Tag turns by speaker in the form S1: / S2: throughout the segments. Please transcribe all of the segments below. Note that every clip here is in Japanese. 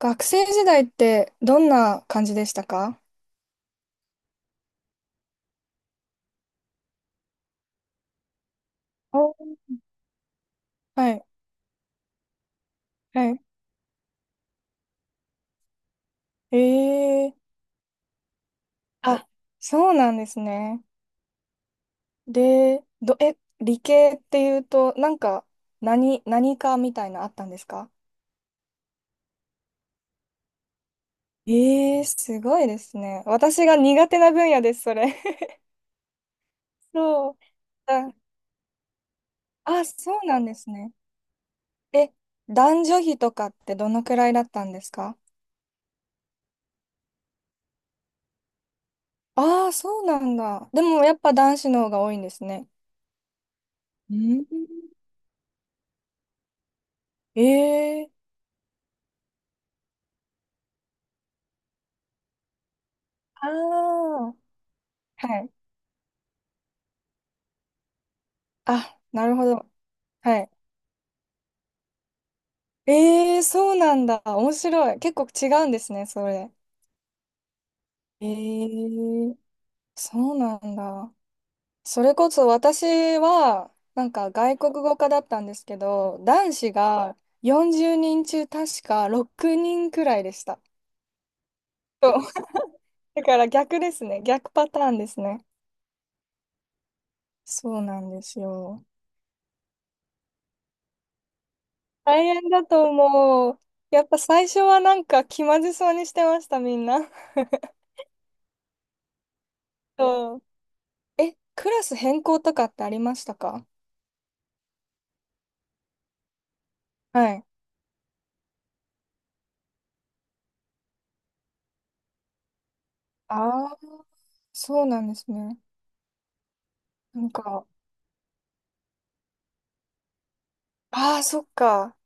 S1: 学生時代ってどんな感じでしたか？お。はい、はい。ええ。あ、そうなんですね。で、理系っていうと、なんか、何かみたいなあったんですか？ええ、すごいですね。私が苦手な分野です、それ。そう。あ、あ、そうなんですね。え、男女比とかってどのくらいだったんですか？ああー、そうなんだ。でもやっぱ男子の方が多いんですね。うん。ええ。ああ、はい。あ、なるほど。はい。ええ、そうなんだ。面白い。結構違うんですね、それ。ええ、そうなんだ。それこそ私は、なんか外国語科だったんですけど、男子が40人中確か6人くらいでした。そう。だから逆ですね。逆パターンですね。そうなんですよ。大変だと思う。やっぱ最初はなんか気まずそうにしてました、みんな。そう。クラス変更とかってありましたか？はい。ああ、そうなんですね。なんか、ああ、そっか。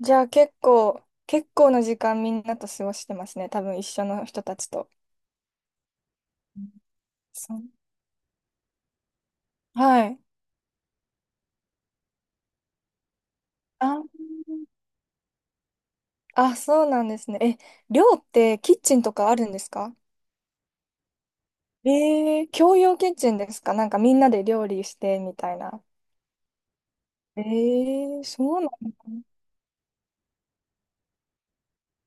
S1: じゃあ結構な時間みんなと過ごしてますね。多分一緒の人たちと。うん。そう。はい。あ、あ、そうなんですね。寮ってキッチンとかあるんですか？共用キッチンですか？なんかみんなで料理してみたいな。そうなのか。な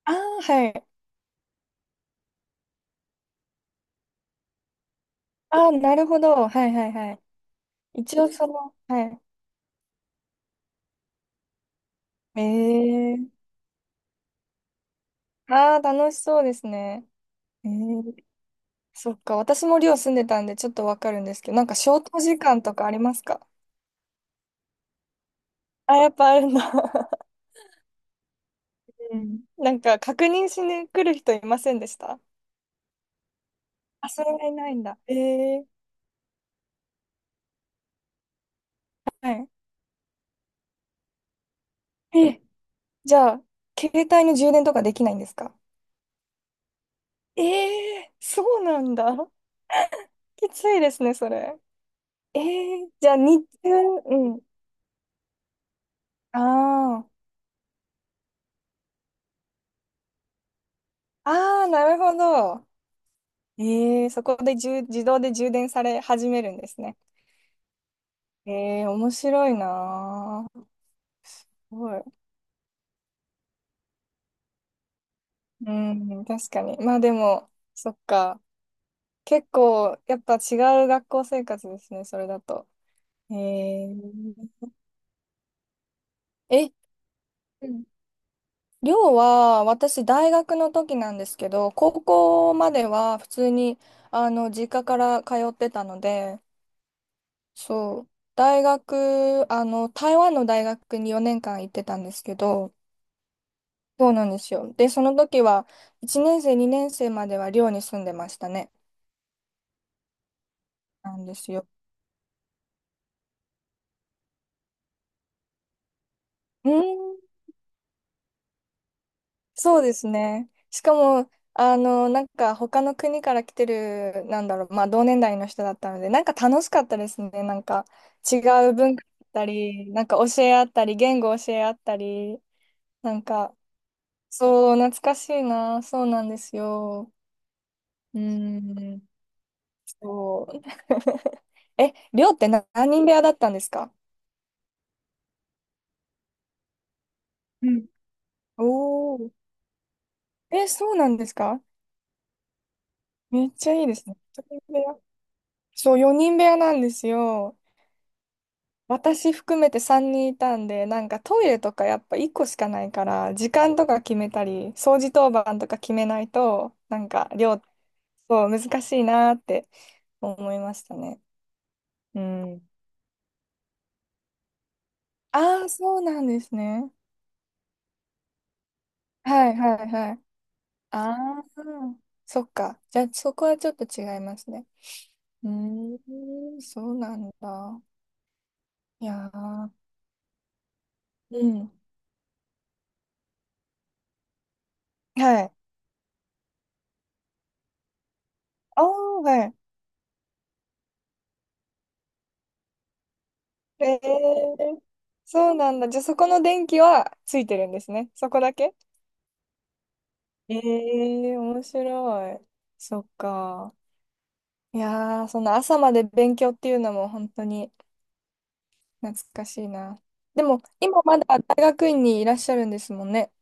S1: ああー、はい。ああ、なるほど。はいはいはい。一応その、はい。えー、ああ、楽しそうですね。えー、そっか、私も寮住んでたんでちょっとわかるんですけど、なんか消灯時間とかありますか？あ、やっぱあるんだ。うん。なんか確認しに来る人いませんでした？あ、それはいないんだ。はい。え、じゃあ、携帯の充電とかできないんですか？え。そうなんだ。きついですね、それ。え。じゃあ日中。うん。ああ。ああ、なるほど。ええ、そこで充自動で充電され始めるんですね。ええ、面白いなあ。すごい。うん、確かに。まあでも、そっか。結構、やっぱ違う学校生活ですね、それだと。え。ええ。うん。寮は、私、大学の時なんですけど、高校までは普通に、あの、実家から通ってたので、そう、大学、あの、台湾の大学に4年間行ってたんですけど、そうなんですよ。で、その時は、1年生、2年生までは寮に住んでましたね。なんですよ。うーん、そうですね。しかも、あの、なんか、他の国から来てる、なんだろう、まあ、同年代の人だったので、なんか楽しかったですね。なんか、違う文化だったり、なんか教え合ったり、言語教え合ったり、なんか、そう、懐かしいな。そうなんですよ。うーん、そう。寮って何人部屋だったんですか？おお。そうなんですか？めっちゃいいですね。一人部屋。そう、4人部屋なんですよ。私含めて3人いたんで、なんかトイレとかやっぱ1個しかないから、時間とか決めたり、掃除当番とか決めないと、なんか量、そう、難しいなーって思いましたね。うん。ああ、そうなんですね。はいはいはい。ああ、そっか。じゃあそこはちょっと違いますね。そうなんだ。いやー。うん。はい。あー、はい。えー、そうなんだ。じゃあそこの電気はついてるんですね。そこだけ？えー、面白い。そっか。いやー、その朝まで勉強っていうのも本当に懐かしいな。でも、今まだ大学院にいらっしゃるんですもんね。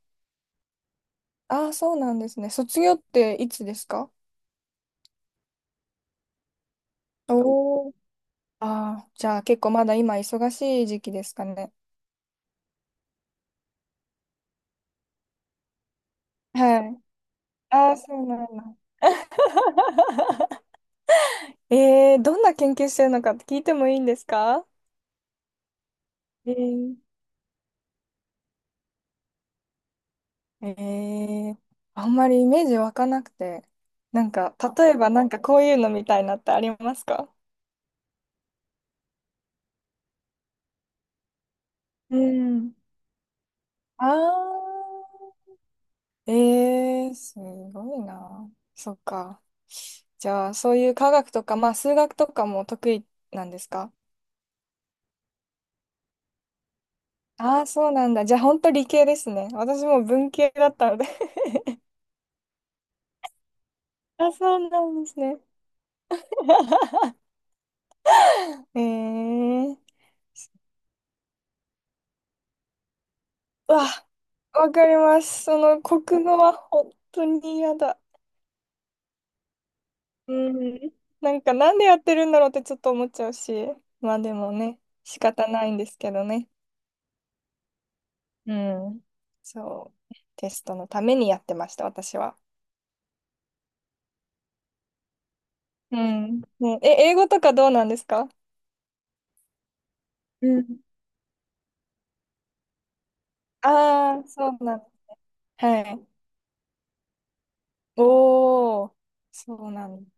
S1: ああ、そうなんですね。卒業っていつですか？おおー。ああ、じゃあ結構まだ今忙しい時期ですかね。はい。ああ、そうなんだ。どんな研究してるのかって聞いてもいいんですか？えー、えー、あんまりイメージ湧かなくて。なんか、例えばなんかこういうのみたいなってありますか？うん。あー、すごいな。そっか。じゃあ、そういう科学とか、まあ、数学とかも得意なんですか？ああー、そうなんだ。じゃあ、本当理系ですね。私も文系だったので。 あ、そうなんですね。えーうわ、わかります。その国語は本当に嫌だ。うん。なんかなんでやってるんだろうってちょっと思っちゃうし、まあでもね、仕方ないんですけどね。うん。そう。テストのためにやってました、私は。うん。ね、英語とかどうなんですか？うん。ああー、そうなん。はい。おー、そうなんだ。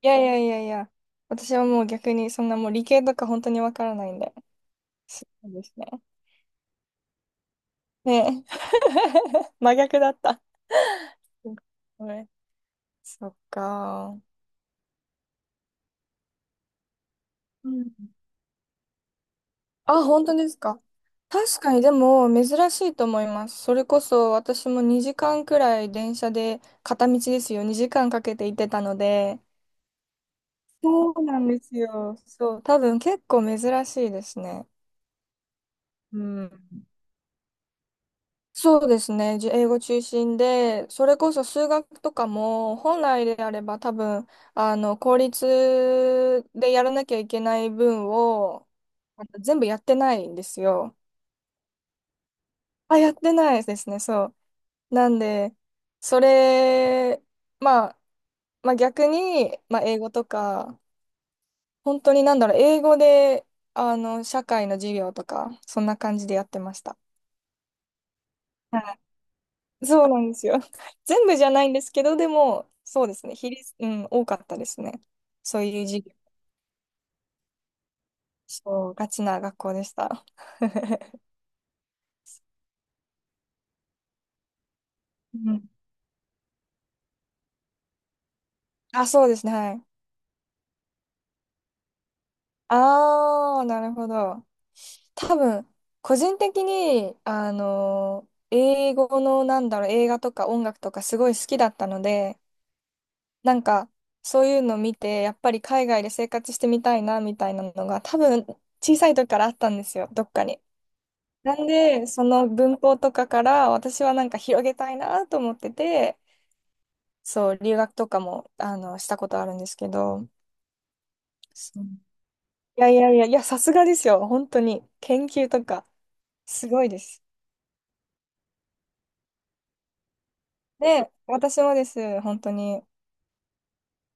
S1: いやいやいやいや。私はもう逆にそんなもう理系とか本当にわからないんで。そうですね。ねえ。真逆だった。ごめん。そっか。うん。あ、本当ですか。確かに、でも、珍しいと思います。それこそ、私も2時間くらい電車で、片道ですよ、2時間かけて行ってたので。そうなんですよ。そう、多分結構珍しいですね。うん。そうですね。英語中心で、それこそ数学とかも、本来であれば多分、あの、公立でやらなきゃいけない分を、あの全部やってないんですよ。あ、やってないですね、そう。なんで、それ、まあ、まあ逆に、まあ英語とか、本当になんだろう、英語で、あの、社会の授業とか、そんな感じでやってました。そうなんですよ。全部じゃないんですけど、でも、そうですね。比率、うん、多かったですね。そういう授業。そう、ガチな学校でした。うん。あ、そうですね。はい。ああ、なるほど。多分、個人的に、あの、英語の、なんだろう、映画とか音楽とかすごい好きだったので、なんか、そういうの見て、やっぱり海外で生活してみたいな、みたいなのが、多分、小さい時からあったんですよ、どっかに。なんで、その文法とかから私はなんか広げたいなと思ってて、そう、留学とかも、あの、したことあるんですけど、そう。いやいやいや、いや、さすがですよ。本当に。研究とか、すごいです。で、私もです。本当に。